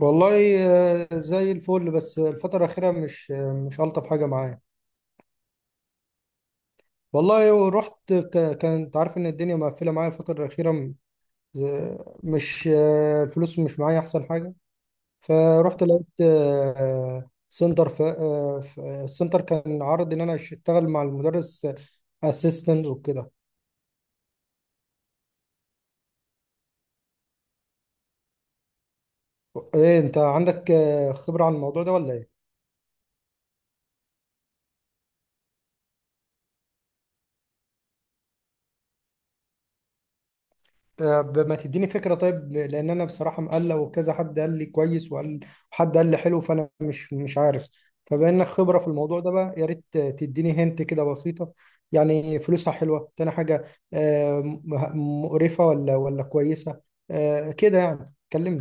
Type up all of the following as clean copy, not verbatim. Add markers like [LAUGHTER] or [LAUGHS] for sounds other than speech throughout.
والله زي الفل. بس الفترة الأخيرة مش مش ألطف حاجة معايا. والله ورحت كنت عارف إن الدنيا مقفلة معايا الفترة الأخيرة م- ز- مش آه، الفلوس مش معايا أحسن حاجة. فرحت لقيت آه، سنتر ف... آه، ف- آه، سنتر كان عرض إن أنا أشتغل مع المدرس أسيستنت وكده. إيه، أنت عندك خبرة عن الموضوع ده ولا إيه؟ طب ما تديني فكرة طيب، لأن أنا بصراحة مقلق، وكذا حد قال لي كويس وقال، وحد قال لي حلو، فأنا مش عارف. فبما إنك خبرة في الموضوع ده بقى، يا ريت تديني هنت كده بسيطة، يعني فلوسها حلوة. تاني حاجة، مقرفة ولا كويسة، كده يعني كلمني.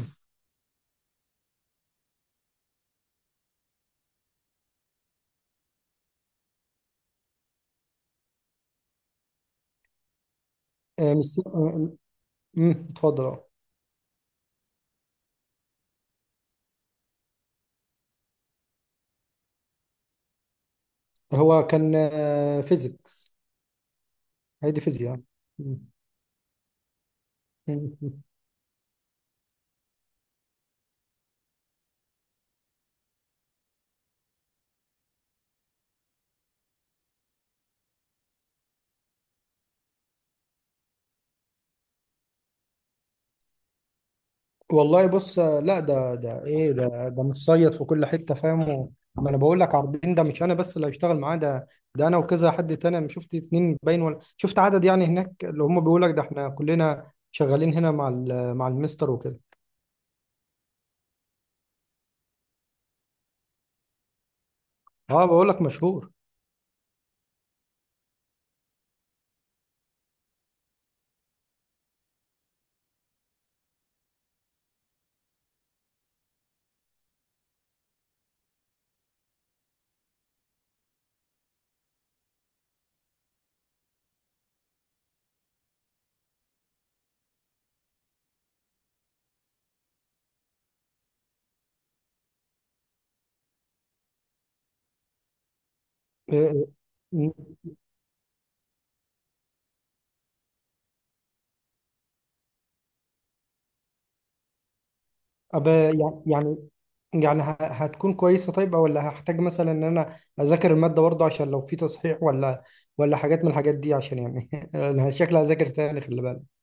آه، مش س- آه، مم، اتفضل آه. هو كان فيزيكس. هي دي فيزياء. والله بص، لا، ده ايه، ده متصيد في كل حته، فاهم؟ ما انا بقول لك، عارضين ده مش انا بس اللي هشتغل معاه، ده ده انا وكذا حد تاني. انا شفت اتنين باين، ولا شفت عدد يعني هناك اللي هم بيقول لك ده احنا كلنا شغالين هنا مع مع المستر وكده. اه، بقول لك مشهور. إيه- إيه، أب يعني يعني يعني هتكون كويسه طيب، ولا هحتاج مثلا ان انا اذاكر الماده برضه، عشان لو في تصحيح ولا حاجات من الحاجات دي؟ عشان يعني [LAUGHS] انا شكلي هذاكر تاني، خلي بالك.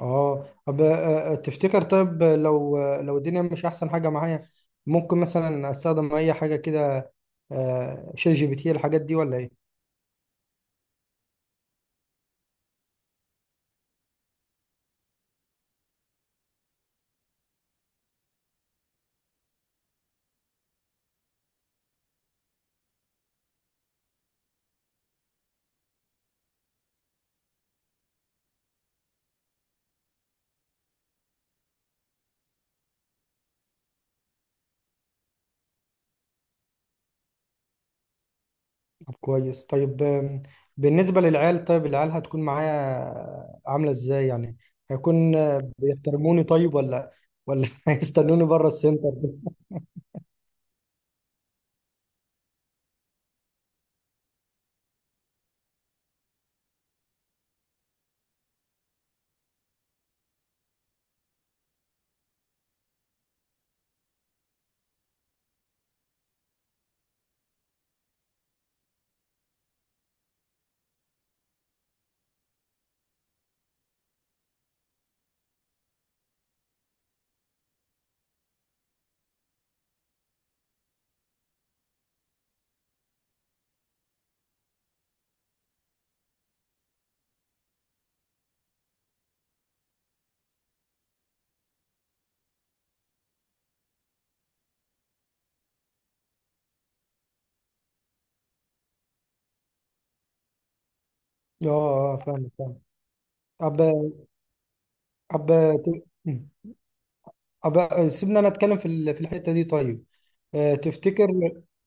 اه، طب، تفتكر طيب، لو الدنيا مش احسن حاجه معايا، ممكن مثلا استخدم اي حاجه كده، ChatGPT، الحاجات دي ولا ايه؟ طب كويس. طيب بالنسبه للعيال، طيب العيال هتكون معايا عامله ازاي يعني؟ هيكون بيحترموني طيب، ولا [LAUGHS] هيستنوني بره السنتر؟ اه، اه، فاهم فاهم. طب طب، أبقى سيبنا انا اتكلم في في الحته دي طيب. آه، تفتكر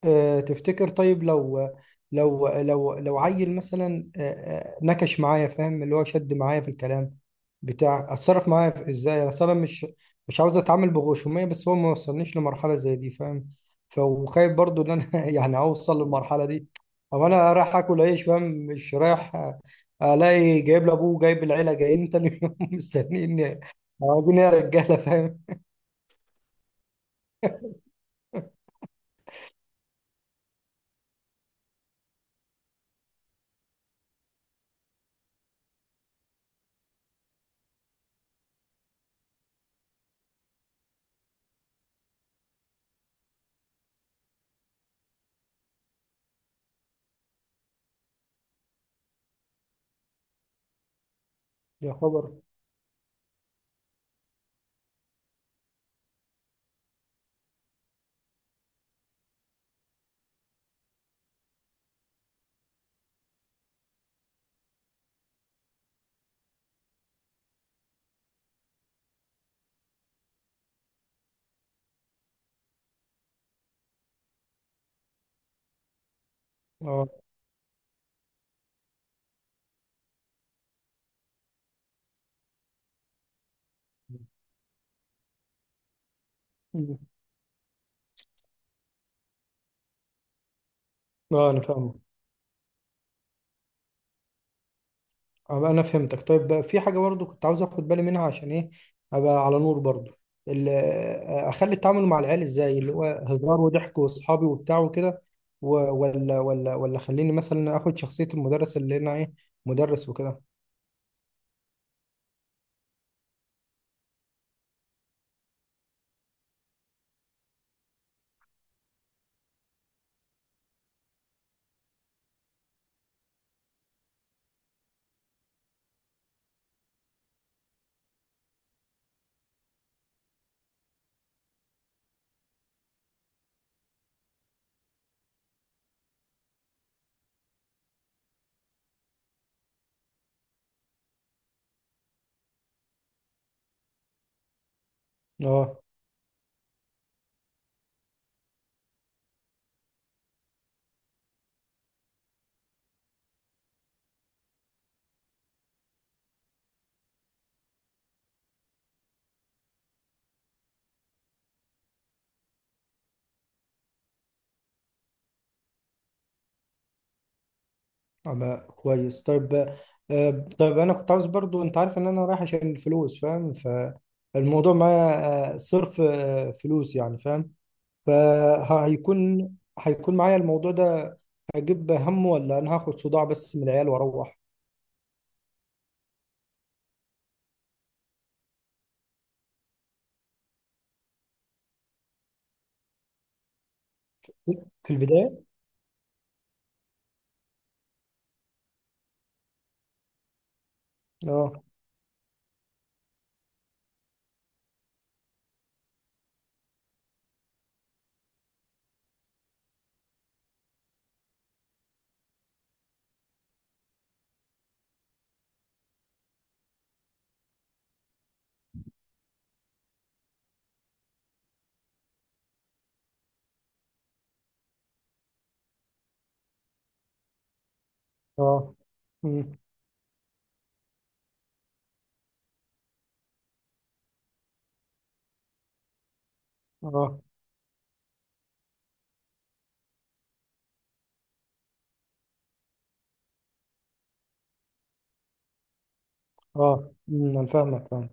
تفتكر طيب، لو لو عيل مثلا نكش معايا، فاهم؟ اللي هو شد معايا في الكلام بتاع. اتصرف معايا ازاي؟ اصل انا مش عاوز اتعامل بغشوميه، بس هو ما وصلنيش لمرحله زي دي، فاهم؟ وخايف برضو ان انا [LAUGHS] يعني اوصل للمرحله دي، او انا رايح اكل عيش، فاهم، مش رايح الاقي جايب لابوه، جايب العيله، جايين تاني يوم [LAUGHS] مستنيين، عاوزين إيه يا رجاله، فاهم؟ يا خبر. اه. مم. اه، انا فاهمك. انا فهمتك. طيب بقى، في حاجه برضو كنت عاوز اخد بالي منها، عشان ايه ابقى على نور برضو. اخلي التعامل مع العيال ازاي، اللي هو هزار وضحك واصحابي وبتاع وكده، و- ولا خليني مثلا اخد شخصيه المدرس، اللي انا ايه، مدرس وكده. اه. أبقى كويس. طيب، طيب انا كنت عاوز برضو، انت عارف ان انا رايح عشان الفلوس، فاهم؟ فالموضوع معايا صرف فلوس يعني، فاهم؟ فهيكون هيكون معايا الموضوع ده، هجيب همه، ولا انا هاخد صداع بس من العيال واروح؟ في البداية. اه. اه. مم. اه. اه. مم. انا فاهمك فاهم.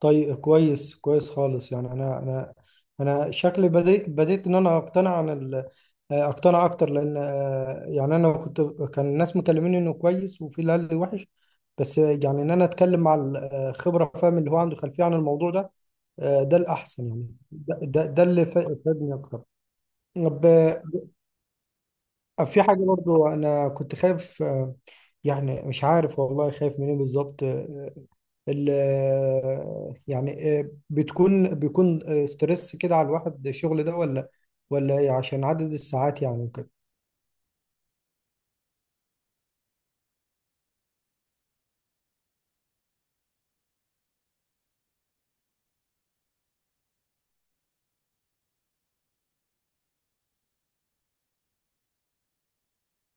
طيب كويس كويس خالص. يعني انا شكلي بديت ان انا اقتنع اكتر، لان يعني انا كنت كان الناس مكلميني انه كويس، وفي اللي قال لي وحش، بس يعني ان انا اتكلم مع الخبره، فاهم؟ اللي هو عنده خلفيه عن الموضوع ده، ده الأحسن يعني، ده اللي فادني أكتر. طب في حاجة برضو أنا كنت خايف يعني مش عارف والله، خايف منين بالظبط؟ آه، ال آه، يعني آه، بيكون ستريس كده على الواحد الشغل ده، ولا ولا إيه؟ عشان عدد الساعات يعني وكده.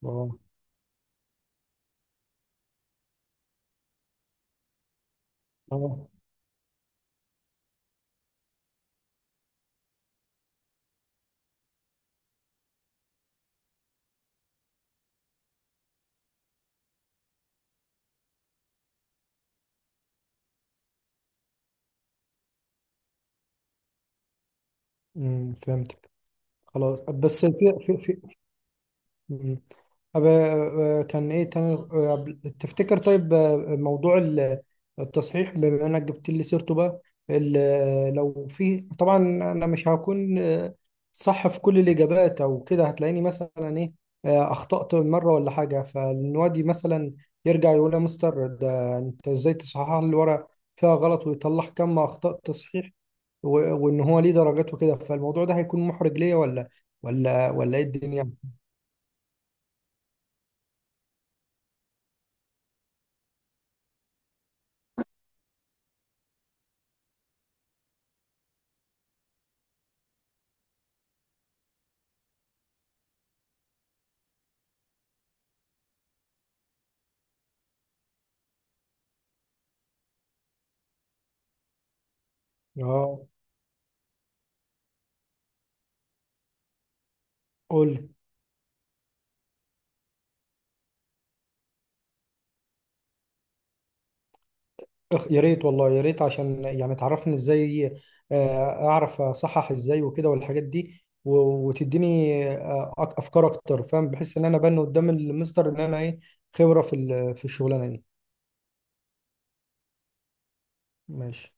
اه. اه، فهمتك. خلاص، بس في مم. طب، كان ايه تاني، تفتكر طيب، موضوع التصحيح، بما انك جبت لي سيرته بقى. لو في طبعا انا مش هكون صح في كل الاجابات، او كده هتلاقيني مثلا ايه، اخطأت مره ولا حاجه، فالنوادي مثلا يرجع يقول يا مستر، ده انت ازاي تصحح لي الورق فيها غلط، ويطلع كم اخطاء تصحيح، وان هو ليه درجات وكده، فالموضوع ده هيكون محرج ليا، ولا ايه الدنيا؟ اه. قول. يا ريت والله، يا ريت، عشان يعني تعرفني ازاي اعرف اصحح ازاي وكده، والحاجات دي، وتديني افكار اكتر، فاهم؟ بحس ان انا بان قدام المستر ان انا ايه، خبرة في في الشغلانة دي. ماشي.